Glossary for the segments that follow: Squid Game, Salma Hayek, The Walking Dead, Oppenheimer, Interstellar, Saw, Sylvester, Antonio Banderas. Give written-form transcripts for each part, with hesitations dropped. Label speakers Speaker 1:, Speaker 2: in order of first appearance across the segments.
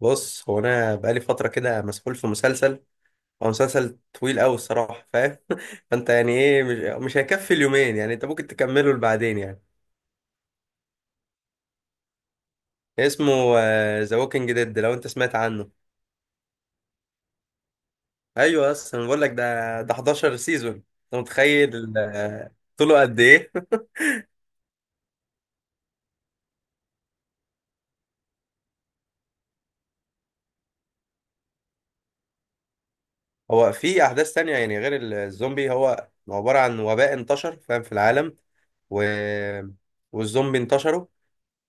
Speaker 1: بص، هو انا بقالي فتره كده مسحول في مسلسل. هو مسلسل طويل قوي الصراحه، فاهم؟ فانت يعني ايه، مش هيكفي اليومين يعني، انت ممكن تكمله لبعدين يعني. اسمه ذا ووكينج ديد، لو انت سمعت عنه. ايوه، بس انا بقول لك ده 11 سيزون، انت متخيل طوله قد ايه؟ هو في احداث تانية، يعني غير الزومبي. هو عباره عن وباء انتشر، فاهم، في العالم، و... والزومبي انتشروا.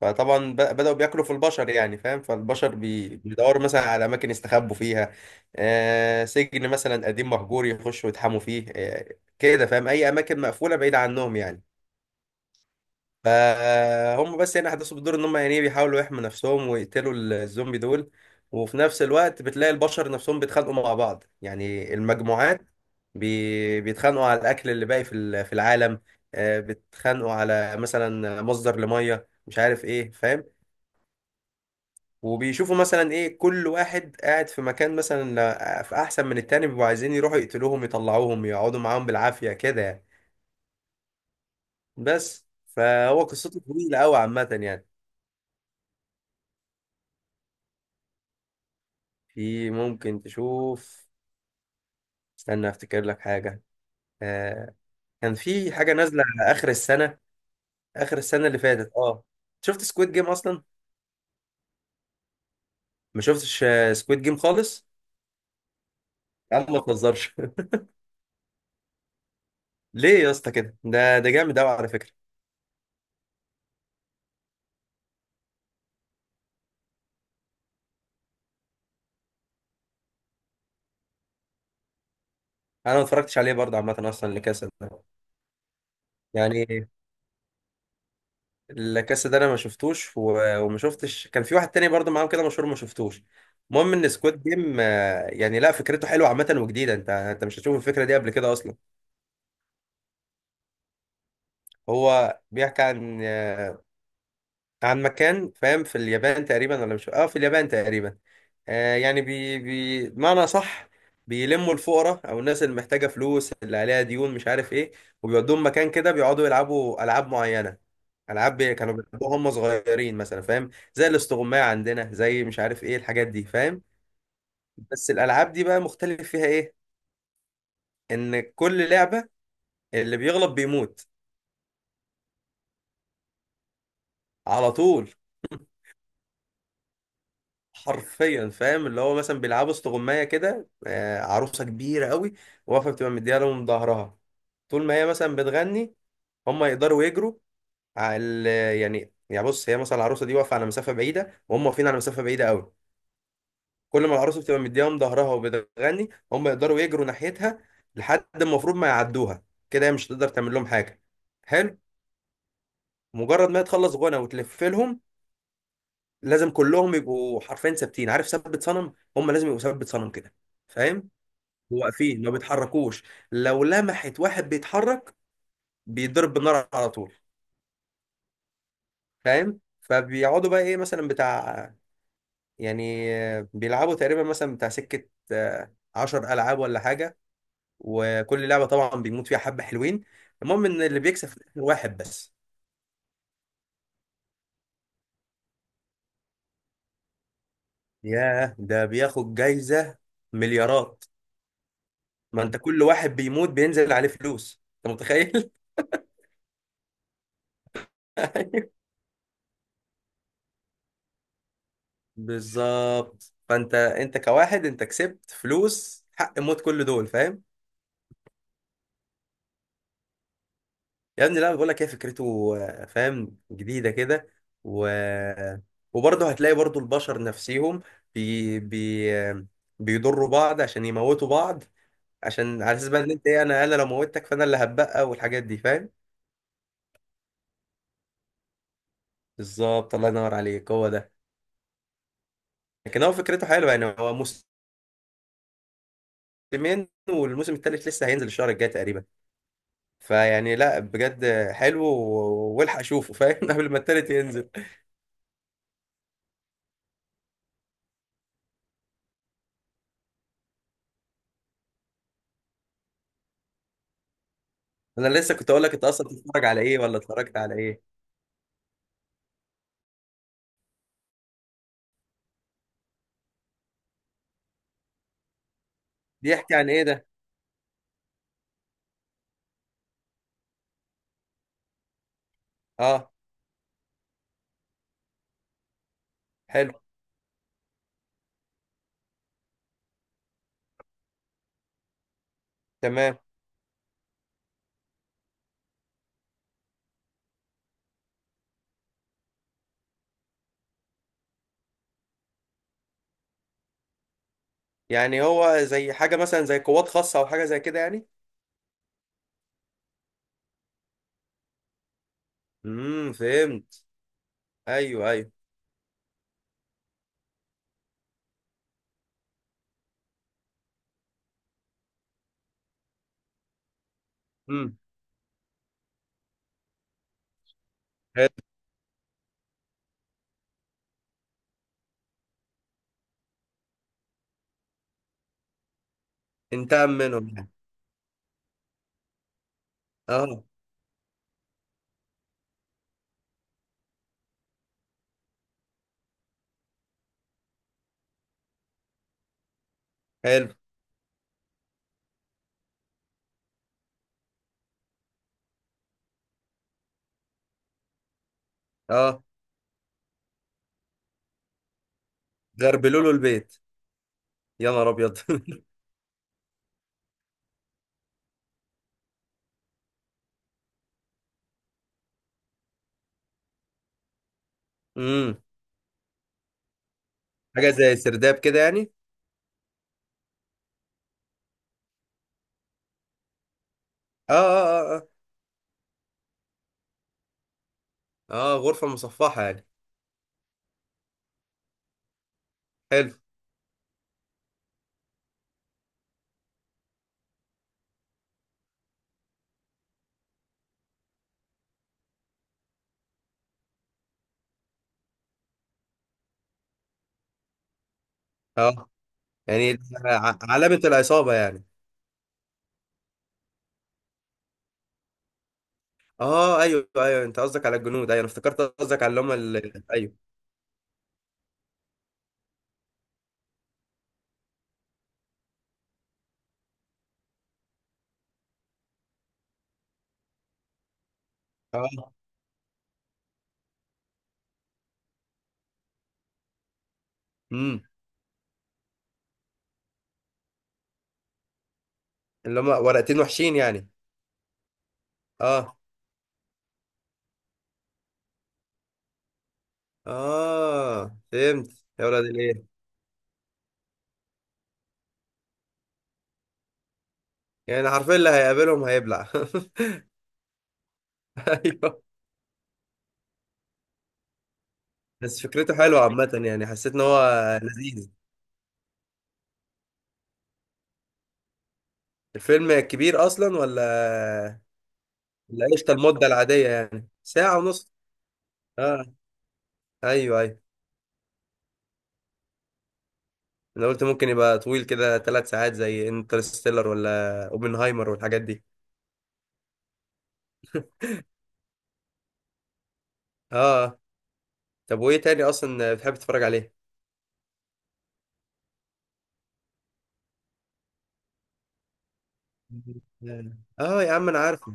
Speaker 1: فطبعا بدأوا بياكلوا في البشر، يعني فاهم، فالبشر بيدوروا مثلا على أماكن يستخبوا فيها. آه، سجن مثلا قديم مهجور يخشوا يتحموا فيه، آه كده، فاهم، أي أماكن مقفولة بعيدة عنهم يعني. فهم بس يعني أحداثه بتدور إن هم يعني إيه، بيحاولوا يحموا نفسهم ويقتلوا الزومبي دول. وفي نفس الوقت بتلاقي البشر نفسهم بيتخانقوا مع بعض، يعني المجموعات بيتخانقوا على الأكل اللي باقي في في العالم. آه بيتخانقوا على مثلا مصدر لمية، مش عارف إيه، فاهم. وبيشوفوا مثلا ايه، كل واحد قاعد في مكان مثلا في احسن من التاني، بيبقوا عايزين يروحوا يقتلوهم يطلعوهم يقعدوا معاهم بالعافية كده يعني. بس فهو قصته طويلة قوي عامة يعني. في ممكن تشوف، استنى افتكر لك حاجة. آه. كان في حاجة نازلة على اخر السنة، اخر السنة اللي فاتت. اه، شفت سكويد جيم اصلا؟ ما شفتش سكويد جيم خالص؟ يا عم ما تهزرش. ليه يا اسطى كده؟ ده جامد قوي على فكرة. انا ما اتفرجتش عليه برضه عامة، اصلا اللي كاسل ده، يعني الكاس ده انا ما شفتوش، وما شفتش. كان في واحد تاني برضه معاهم كده مشهور، ما شفتوش. المهم ان سكواد جيم يعني لا، فكرته حلوه عامه وجديده. انت مش هتشوف الفكره دي قبل كده اصلا. هو بيحكي عن عن مكان، فاهم، في اليابان تقريبا ولا مش، اه في اليابان تقريبا. آه يعني، بي معنى صح، بيلموا الفقراء او الناس اللي محتاجه فلوس، اللي عليها ديون، مش عارف ايه، وبيودوهم مكان كده بيقعدوا يلعبوا العاب معينه. العاب كانوا بيلعبوها هم صغيرين مثلا، فاهم، زي الاستغمايه عندنا، زي مش عارف ايه الحاجات دي، فاهم. بس الالعاب دي بقى مختلف فيها ايه؟ ان كل لعبه اللي بيغلب بيموت على طول. حرفيا، فاهم، اللي هو مثلا بيلعبوا استغمايه كده، عروسه كبيره قوي واقفه، بتبقى مديها لهم ظهرها. طول ما هي مثلا بتغني، هم يقدروا يجروا على ال- يعني يعني بص هي مثلا العروسه دي واقفه على مسافه بعيده، وهم واقفين على مسافه بعيده قوي. كل ما العروسه بتبقى مديهم ظهرها وبتغني، هم يقدروا يجروا ناحيتها لحد ما المفروض ما يعدوها. كده هي مش هتقدر تعمل لهم حاجه. حلو. مجرد ما هي تخلص غنى وتلف لهم، لازم كلهم يبقوا حرفيا ثابتين، عارف ثبت صنم، هم لازم يبقوا ثبت صنم كده، فاهم. هو واقفين ما بيتحركوش، لو لمحت واحد بيتحرك بيضرب بالنار على طول، فاهم. فبيقعدوا بقى ايه مثلا بتاع، يعني بيلعبوا تقريبا مثلا بتاع سكة عشر ألعاب ولا حاجة. وكل لعبة طبعا بيموت فيها حبة حلوين. المهم إن اللي بيكسب في الآخر واحد بس. ياه، ده بياخد جايزة مليارات. ما أنت كل واحد بيموت بينزل عليه فلوس، أنت متخيل؟ بالظبط. فانت انت كواحد انت كسبت فلوس حق موت كل دول، فاهم. يا ابني، لا بقول لك ايه، فكرته فاهم، جديده كده، و وبرضه هتلاقي برضه البشر نفسهم بي... بي... آه، بيضروا بعض عشان يموتوا بعض. عشان على اساس بقى ان انت ايه، انا لو موتك فانا اللي هتبقى، والحاجات دي، فاهم. بالظبط، الله ينور عليك، هو ده. لكن هو فكرته حلوه يعني. هو موسمين، والموسم الثالث لسه هينزل الشهر الجاي تقريبا. فيعني لا بجد حلو، والحق اشوفه، فاهم، قبل ما التالت ينزل. انا لسه كنت اقول لك انت اصلا بتتفرج على ايه، ولا اتفرجت على ايه. بيحكي عن ايه ده؟ اه، حلو، تمام. يعني هو زي حاجة مثلا زي قوات خاصة او حاجة زي كده يعني. امم، فهمت. ايوه ايوه. امم. حلو. انتقم منهم يعني. اه، حلو. اه، غربلوا له البيت. يا نهار ابيض. امم، حاجة زي سرداب كده يعني. اه اه اه. اه اه، غرفة مصفحة يعني. حلو. اه يعني، علامة العصابة يعني. اه ايوه ايوه، انت قصدك على الجنود، ايوه انا افتكرت قصدك على اللي هم ال... ايوه. اه. امم. اللي هم ورقتين وحشين يعني. اه. اه فهمت. يا ولاد الايه، يعني حرفيا اللي هيقابلهم هيبلع. ايوه. بس فكرته حلوه عامه، يعني حسيت ان هو لذيذ. الفيلم كبير اصلا ولا؟ ولا قشطه، المده العاديه يعني، ساعه ونص. اه، ايوه ايوه. انا قلت ممكن يبقى طويل كده 3 ساعات زي انترستيلر ولا اوبنهايمر والحاجات دي. اه. طب وايه تاني اصلا بتحب تتفرج عليه؟ اه يا عم انا عارف.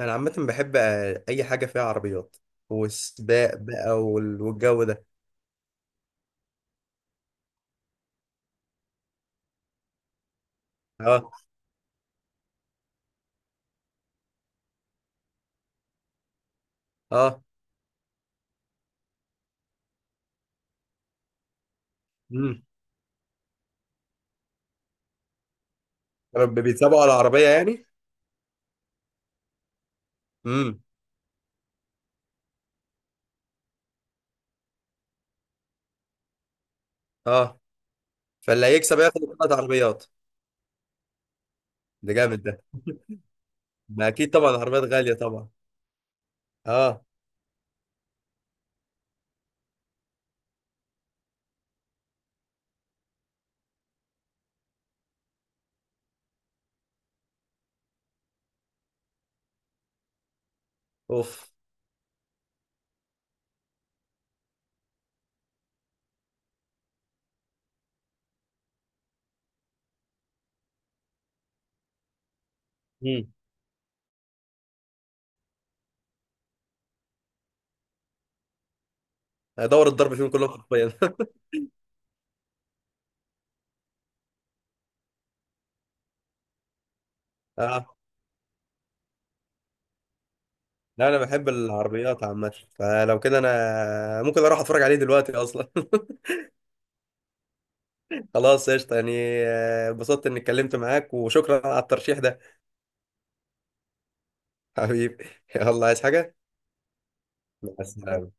Speaker 1: انا عامه بحب اي حاجه فيها عربيات، والسباق بقى والجو ده. اه اه. امم. رب بيتسابقوا على العربيه يعني. امم. اه. فاللي هيكسب ياخد ثلاث عربيات. ده جامد ده. ما اكيد طبعا العربيات غاليه طبعا. اه. اوف. امم. ادور الضرب فيهم كلهم حرفيا. اه. لا انا بحب العربيات عامه، فلو كده انا ممكن اروح اتفرج عليه دلوقتي اصلا. خلاص قشطه يعني. اتبسطت اني اتكلمت معاك، وشكرا على الترشيح ده. حبيبي. يلا عايز حاجه؟ مع السلامة.